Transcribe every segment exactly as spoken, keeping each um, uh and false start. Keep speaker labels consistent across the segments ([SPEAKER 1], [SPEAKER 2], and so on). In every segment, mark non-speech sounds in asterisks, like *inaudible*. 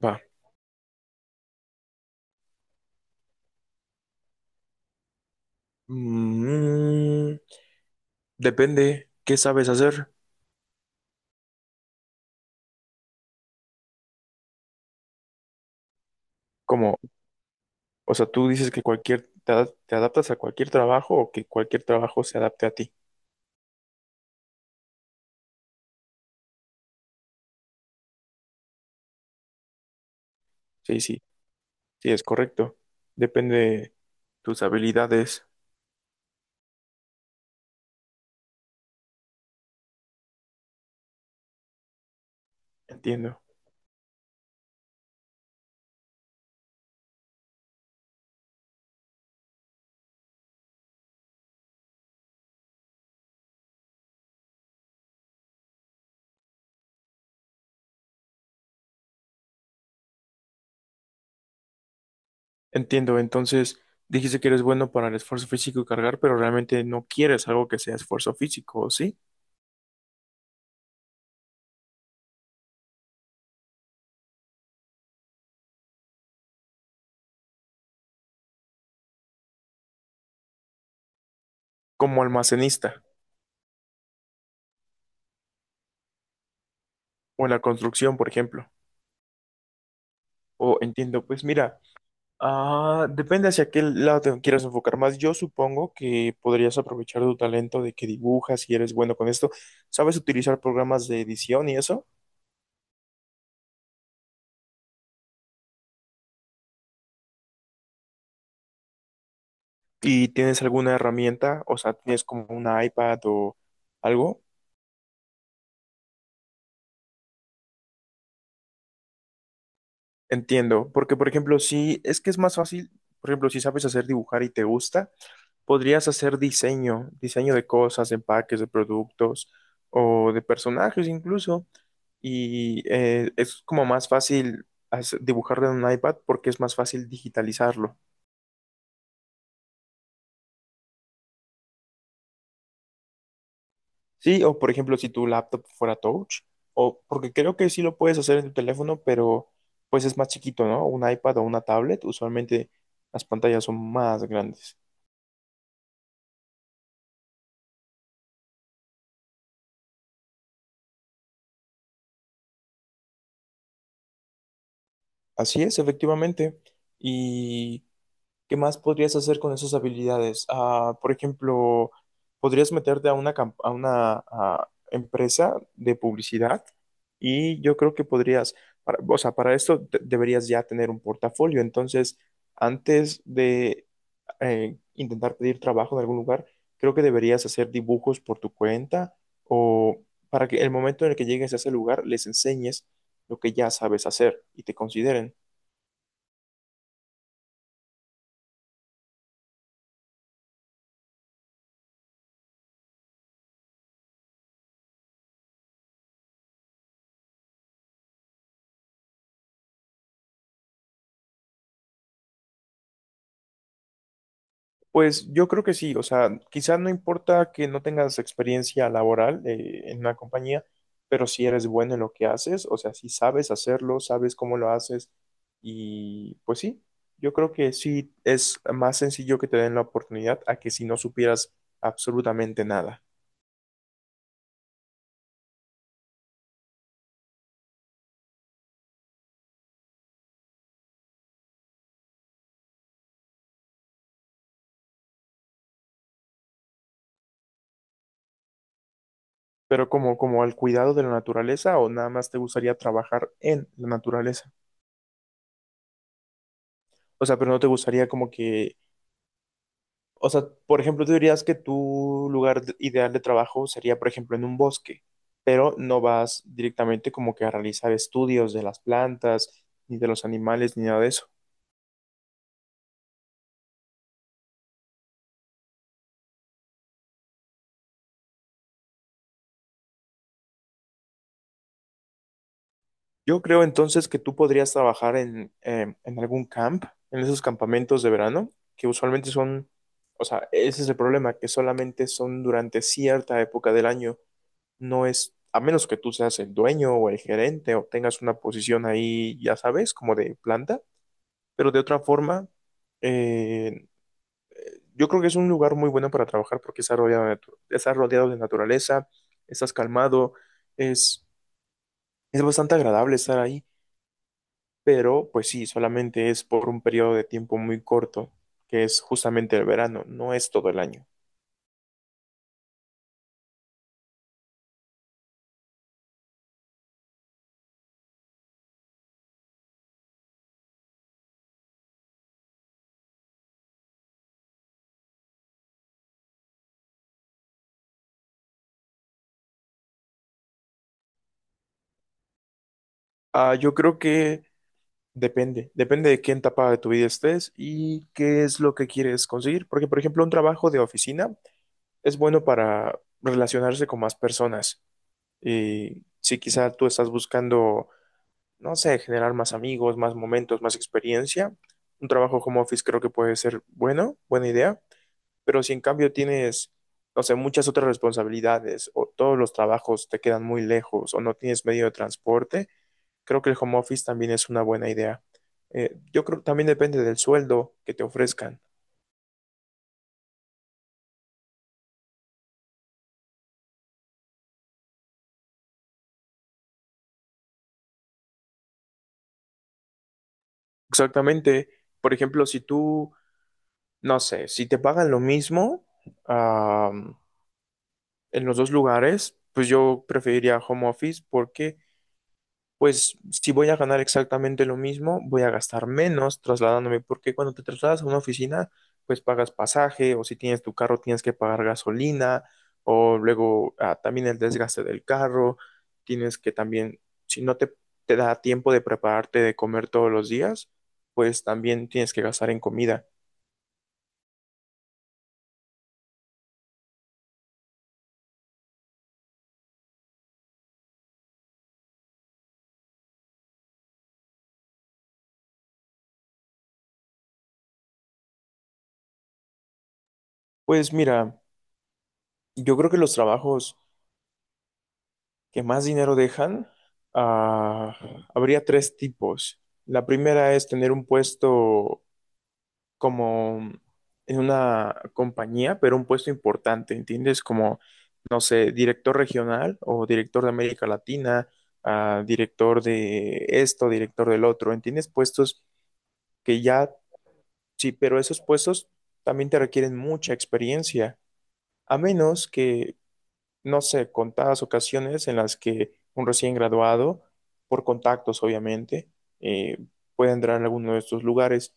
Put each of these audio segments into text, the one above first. [SPEAKER 1] Va. Mm, Depende qué sabes hacer. Como, o sea, tú dices que cualquier, te, ad- te adaptas a cualquier trabajo o que cualquier trabajo se adapte a ti. Sí, sí, sí, es correcto. Depende de tus habilidades. Entiendo. Entiendo. Entonces, dijiste que eres bueno para el esfuerzo físico y cargar, pero realmente no quieres algo que sea esfuerzo físico, ¿sí? Como almacenista o en la construcción, por ejemplo. O entiendo, pues mira. Ah, depende hacia qué lado te quieras enfocar más. Yo supongo que podrías aprovechar tu talento de que dibujas y eres bueno con esto. ¿Sabes utilizar programas de edición y eso? ¿Y tienes alguna herramienta? O sea, ¿tienes como una iPad o algo? Entiendo, porque por ejemplo, si es que es más fácil, por ejemplo, si sabes hacer dibujar y te gusta, podrías hacer diseño, diseño de cosas, de empaques, de productos o de personajes incluso. Y eh, es como más fácil hace- dibujarlo en un iPad porque es más fácil digitalizarlo. Sí, o por ejemplo, si tu laptop fuera touch, o porque creo que sí lo puedes hacer en tu teléfono, pero pues es más chiquito, ¿no? Un iPad o una tablet, usualmente las pantallas son más grandes. Así es, efectivamente. Y ¿qué más podrías hacer con esas habilidades? Ah, por ejemplo, podrías meterte a una, camp- a una ah, empresa de publicidad y yo creo que podrías, para- o sea, para esto te- deberías ya tener un portafolio. Entonces, antes de eh, intentar pedir trabajo en algún lugar, creo que deberías hacer dibujos por tu cuenta o para que el momento en el que llegues a ese lugar les enseñes lo que ya sabes hacer y te consideren. Pues yo creo que sí, o sea, quizás no importa que no tengas experiencia laboral eh, en una compañía, pero si eres bueno en lo que haces, o sea, si sabes hacerlo, sabes cómo lo haces y pues sí, yo creo que sí es más sencillo que te den la oportunidad a que si no supieras absolutamente nada. Pero como como al cuidado de la naturaleza o nada más te gustaría trabajar en la naturaleza, o sea, pero no te gustaría como que. O sea, por ejemplo, tú dirías que tu lugar de- ideal de trabajo sería, por ejemplo, en un bosque, pero no vas directamente como que a realizar estudios de las plantas, ni de los animales, ni nada de eso. Yo creo entonces que tú podrías trabajar en, eh, en algún camp, en esos campamentos de verano, que usualmente son, o sea, ese es el problema, que solamente son durante cierta época del año. No es, a menos que tú seas el dueño o el gerente o tengas una posición ahí, ya sabes, como de planta. Pero de otra forma, eh, yo creo que es un lugar muy bueno para trabajar porque está rodeado de, natu- está rodeado de naturaleza, estás calmado, es, es bastante agradable estar ahí, pero pues sí, solamente es por un periodo de tiempo muy corto, que es justamente el verano, no es todo el año. Ah, yo creo que depende, depende de qué etapa de tu vida estés y qué es lo que quieres conseguir, porque por ejemplo un trabajo de oficina es bueno para relacionarse con más personas. Y si quizá tú estás buscando, no sé, generar más amigos, más momentos, más experiencia, un trabajo home office creo que puede ser bueno, buena idea, pero si en cambio tienes, no sé, muchas otras responsabilidades o todos los trabajos te quedan muy lejos o no tienes medio de transporte, creo que el home office también es una buena idea. Eh, yo creo que también depende del sueldo que te ofrezcan. Exactamente. Por ejemplo, si tú, no sé, si te pagan lo mismo, ah, en los dos lugares, pues yo preferiría home office porque, pues, si voy a ganar exactamente lo mismo, voy a gastar menos trasladándome, porque cuando te trasladas a una oficina, pues pagas pasaje o si tienes tu carro tienes que pagar gasolina o luego ah, también el desgaste del carro, tienes que también, si no te, te da tiempo de prepararte de comer todos los días, pues también tienes que gastar en comida. Pues mira, yo creo que los trabajos que más dinero dejan, ah, habría tres tipos. La primera es tener un puesto como en una compañía, pero un puesto importante, ¿entiendes? Como, no sé, director regional o director de América Latina, ah, director de esto, director del otro, ¿entiendes? Puestos que ya, sí, pero esos puestos también te requieren mucha experiencia, a menos que no sé, contadas ocasiones en las que un recién graduado, por contactos obviamente, eh, puede entrar en alguno de estos lugares.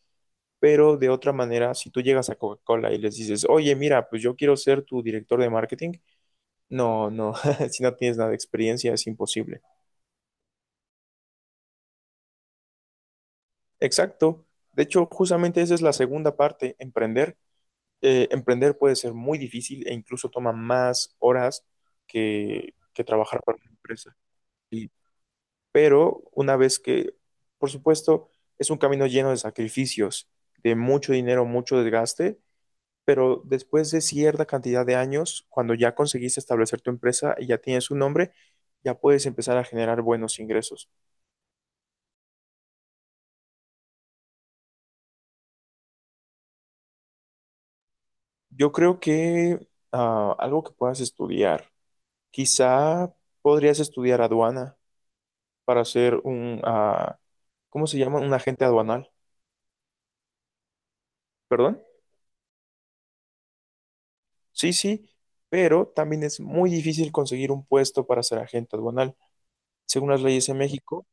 [SPEAKER 1] Pero de otra manera, si tú llegas a Coca-Cola y les dices, oye, mira, pues yo quiero ser tu director de marketing, no, no, *laughs* si no tienes nada de experiencia es imposible. Exacto. De hecho, justamente esa es la segunda parte, emprender. Eh, emprender puede ser muy difícil e incluso toma más horas que, que trabajar para una empresa. Pero una vez que, por supuesto, es un camino lleno de sacrificios, de mucho dinero, mucho desgaste, pero después de cierta cantidad de años, cuando ya conseguiste establecer tu empresa y ya tienes un nombre, ya puedes empezar a generar buenos ingresos. Yo creo que ah, algo que puedas estudiar, quizá podrías estudiar aduana para ser un, ah, ¿cómo se llama? Un agente aduanal, ¿perdón? Sí, sí, pero también es muy difícil conseguir un puesto para ser agente aduanal. Según las leyes en México,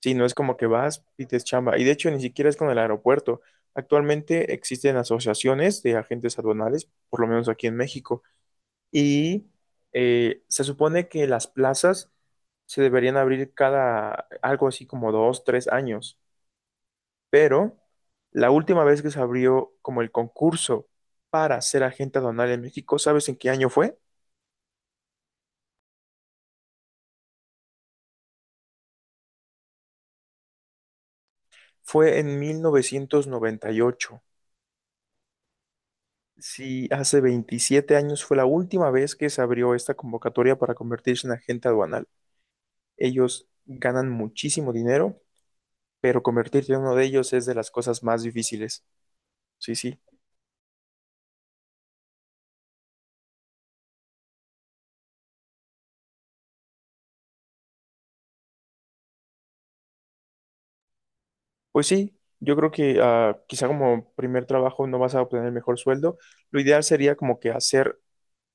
[SPEAKER 1] si no es como que vas, pides chamba. Y de hecho, ni siquiera es con el aeropuerto. Actualmente existen asociaciones de agentes aduanales, por lo menos aquí en México. Y eh, se supone que las plazas se deberían abrir cada, algo así como dos, tres años. Pero la última vez que se abrió como el concurso para ser agente aduanal en México, ¿sabes en qué año fue? Fue en mil novecientos noventa y ocho. Sí, hace veintisiete años fue la última vez que se abrió esta convocatoria para convertirse en agente aduanal. Ellos ganan muchísimo dinero, pero convertirse en uno de ellos es de las cosas más difíciles. Sí, sí. Pues sí, yo creo que ah, quizá como primer trabajo no vas a obtener el mejor sueldo. Lo ideal sería como que hacer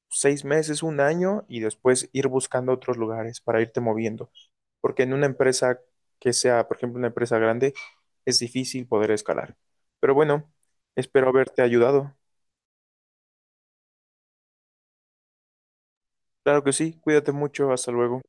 [SPEAKER 1] seis meses, un año y después ir buscando otros lugares para irte moviendo. Porque en una empresa que sea, por ejemplo, una empresa grande, es difícil poder escalar. Pero bueno, espero haberte ayudado. Claro que sí, cuídate mucho, hasta luego.